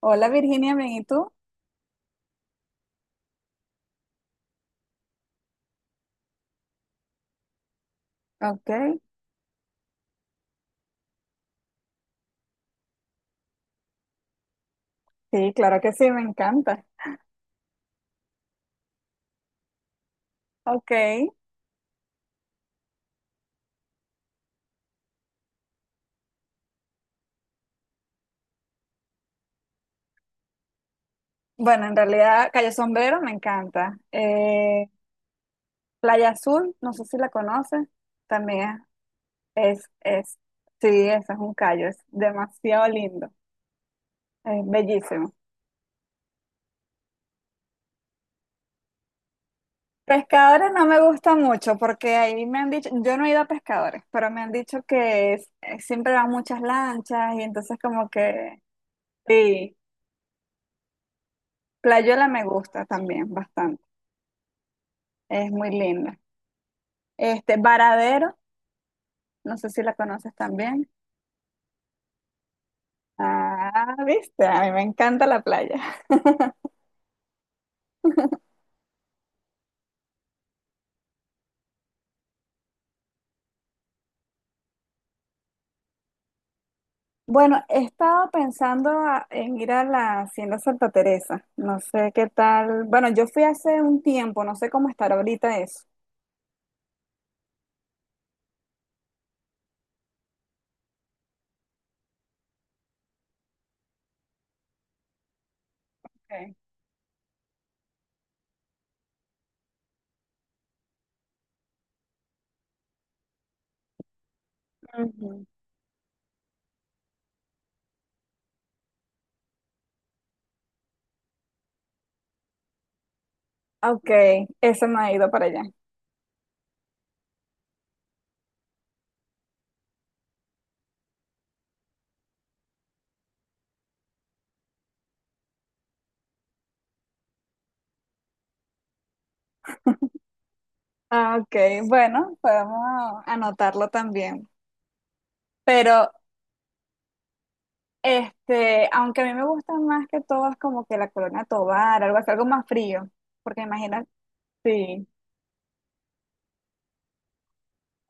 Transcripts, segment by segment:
Hola Virginia, bien, ¿y tú? Ok, sí, claro que sí, me encanta. Ok, bueno, en realidad Cayo Sombrero me encanta. Playa Azul, no sé si la conoces, también es, es, sí, esa es un callo, es demasiado lindo, es bellísimo. Pescadores no me gusta mucho porque ahí me han dicho, yo no he ido a pescadores, pero me han dicho que siempre van muchas lanchas y entonces como que sí, Playuela me gusta también bastante, es muy linda. Este, Varadero, no sé si la conoces también. Ah, viste, a mí me encanta la playa. Bueno, he estado en ir a la Hacienda Santa Teresa. No sé qué tal. Bueno, yo fui hace un tiempo, no sé cómo estará ahorita eso. Okay. Ujú. Ok, eso me ha ido para allá. Ah, ok, bueno, podemos anotarlo también. Pero, este, aunque a mí me gusta más que todo es como que la Corona Tobar, algo así, algo más frío. Porque imagina, sí.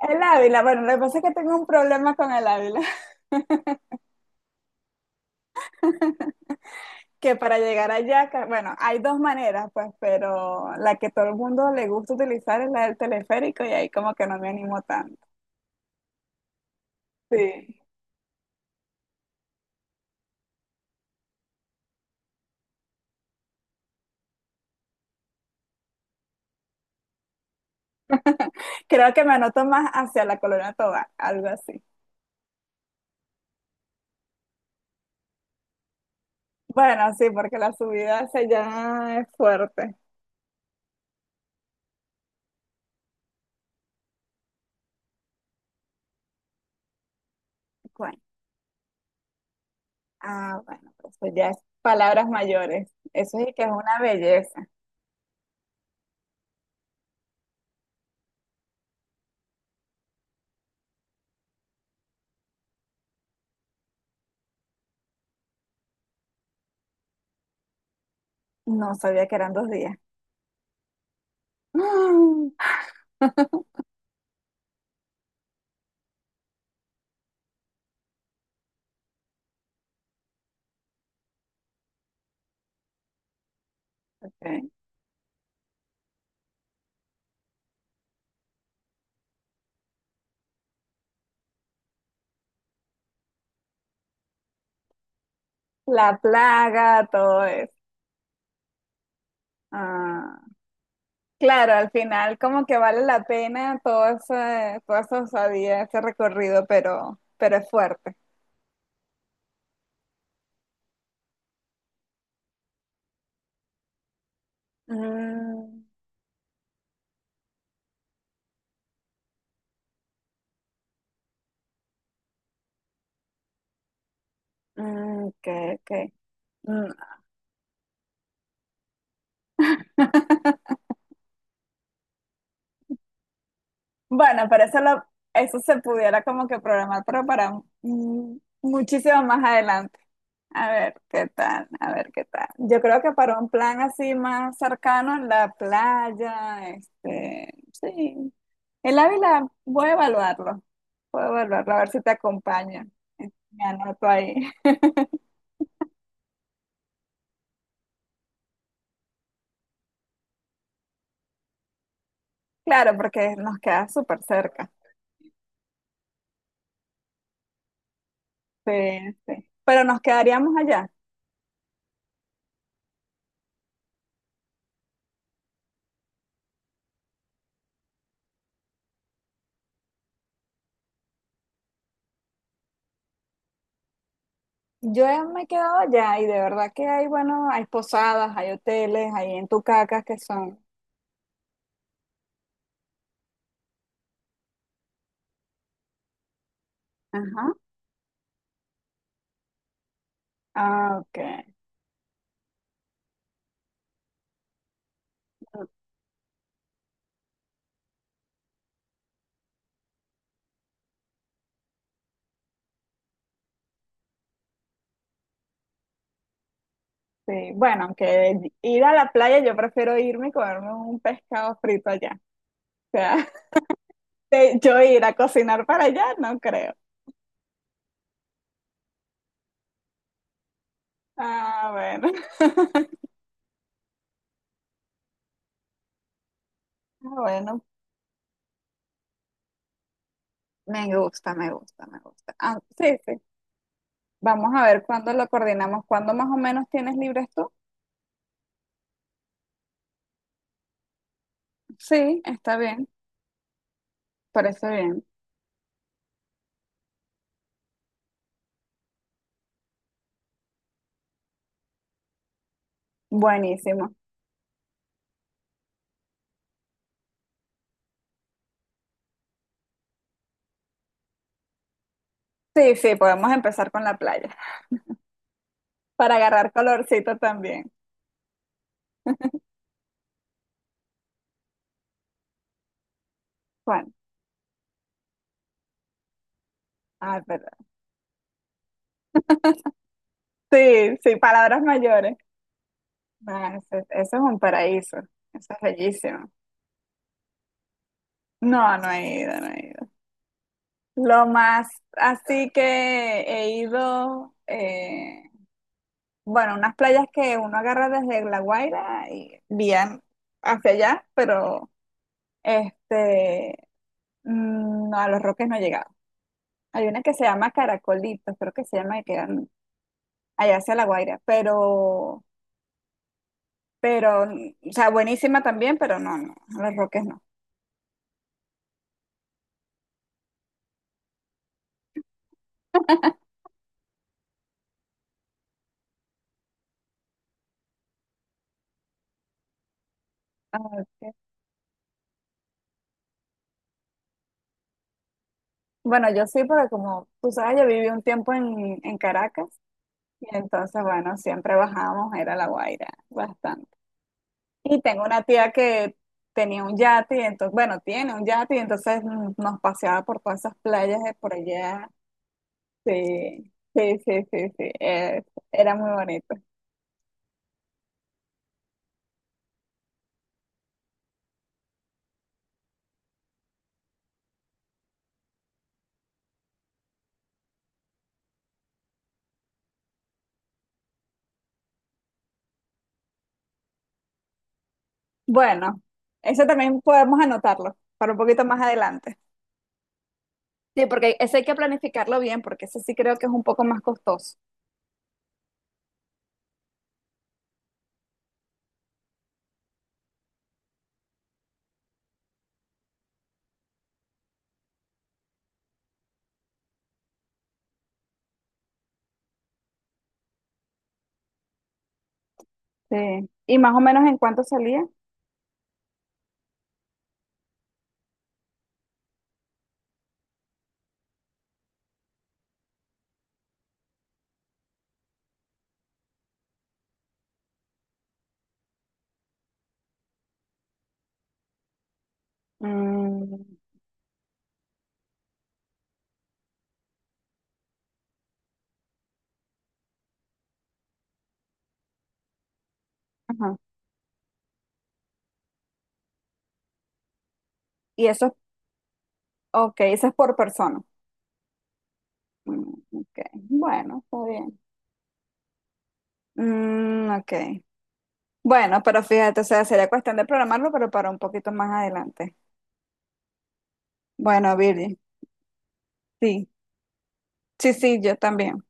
El Ávila, bueno, lo que pasa es que tengo un problema con el Ávila, que para llegar allá, bueno, hay dos maneras, pues, pero la que todo el mundo le gusta utilizar es la del teleférico y ahí como que no me animo tanto. Sí. Creo que me anoto más hacia la Colonia Toba, algo así. Bueno, sí, porque la subida hacia allá es fuerte. Bueno, ah, bueno, pues eso ya es palabras mayores. Eso sí que es una belleza. No sabía que eran dos días. Ok. La plaga, todo eso. Ah. Claro, al final como que vale la pena toda esa osadía, ese recorrido, pero es fuerte. Mm, mm, ok, ok. Mm. Bueno, pero eso se pudiera como que programar, pero para mm, muchísimo más adelante. A ver qué tal, a ver qué tal. Yo creo que para un plan así más cercano en la playa, este, sí, el Ávila, voy a evaluarlo. Voy a evaluarlo, a ver si te acompaña. Me anoto ahí. Claro, porque nos queda súper cerca. Sí, sí. Pero nos quedaríamos allá. Me he quedado allá y de verdad que hay, bueno, hay posadas, hay hoteles, hay en Tucacas que son. Ajá. Ah, ok. Sí, bueno, aunque ir a la playa, yo prefiero irme y comerme un pescado frito allá. O sea, yo ir a cocinar para allá, no creo. Ah, bueno. Ah, bueno, me gusta, me gusta, me gusta. Ah, sí, sí. Vamos a ver cuándo lo coordinamos. ¿Cuándo más o menos tienes libres tú? Sí, está bien. Parece bien. Buenísimo. Sí, sí, podemos empezar con la playa. Para agarrar colorcito también. Juan. Ah, pero... Sí, sí, palabras mayores. No, eso es un paraíso. Eso es bellísimo. No, no he ido, no he ido. Lo más así que he ido. Bueno, unas playas que uno agarra desde La Guaira y bien hacia allá, pero este, mm, no, a los Roques no he llegado. Hay una que se llama Caracolitos, creo que se llama, que quedan allá hacia La Guaira, pero, mm, o sea, buenísima también, pero no, no, a los Roques no. Ah, ok. Bueno, yo sí, porque como tú sabes, yo viví un tiempo en Caracas, y entonces, bueno, siempre bajábamos, era La Guaira, bastante. Y tengo una tía que tenía un yate, y entonces, bueno, tiene un yate, y entonces mm, nos paseaba por todas esas playas de por allá. Sí, sí, sí, sí, sí, era muy bonito. Bueno, eso también podemos anotarlo para un poquito más adelante. Sí, porque ese hay que planificarlo bien, porque ese sí creo que es un poco más costoso. Sí. ¿Y más o menos en cuánto salía? Mm, ajá. Y eso es, ok, eso es por persona. Mm, ok, bueno, está bien. Mm, ok. Bueno, pero fíjate, o sea, sería cuestión de programarlo, pero para un poquito más adelante. Bueno, Virgin, sí, sí, sí, yo también.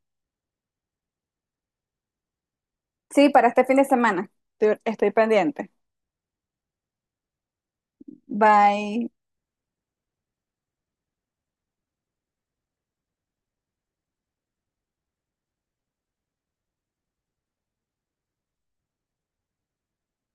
Sí, para este fin de semana. Estoy pendiente. Bye.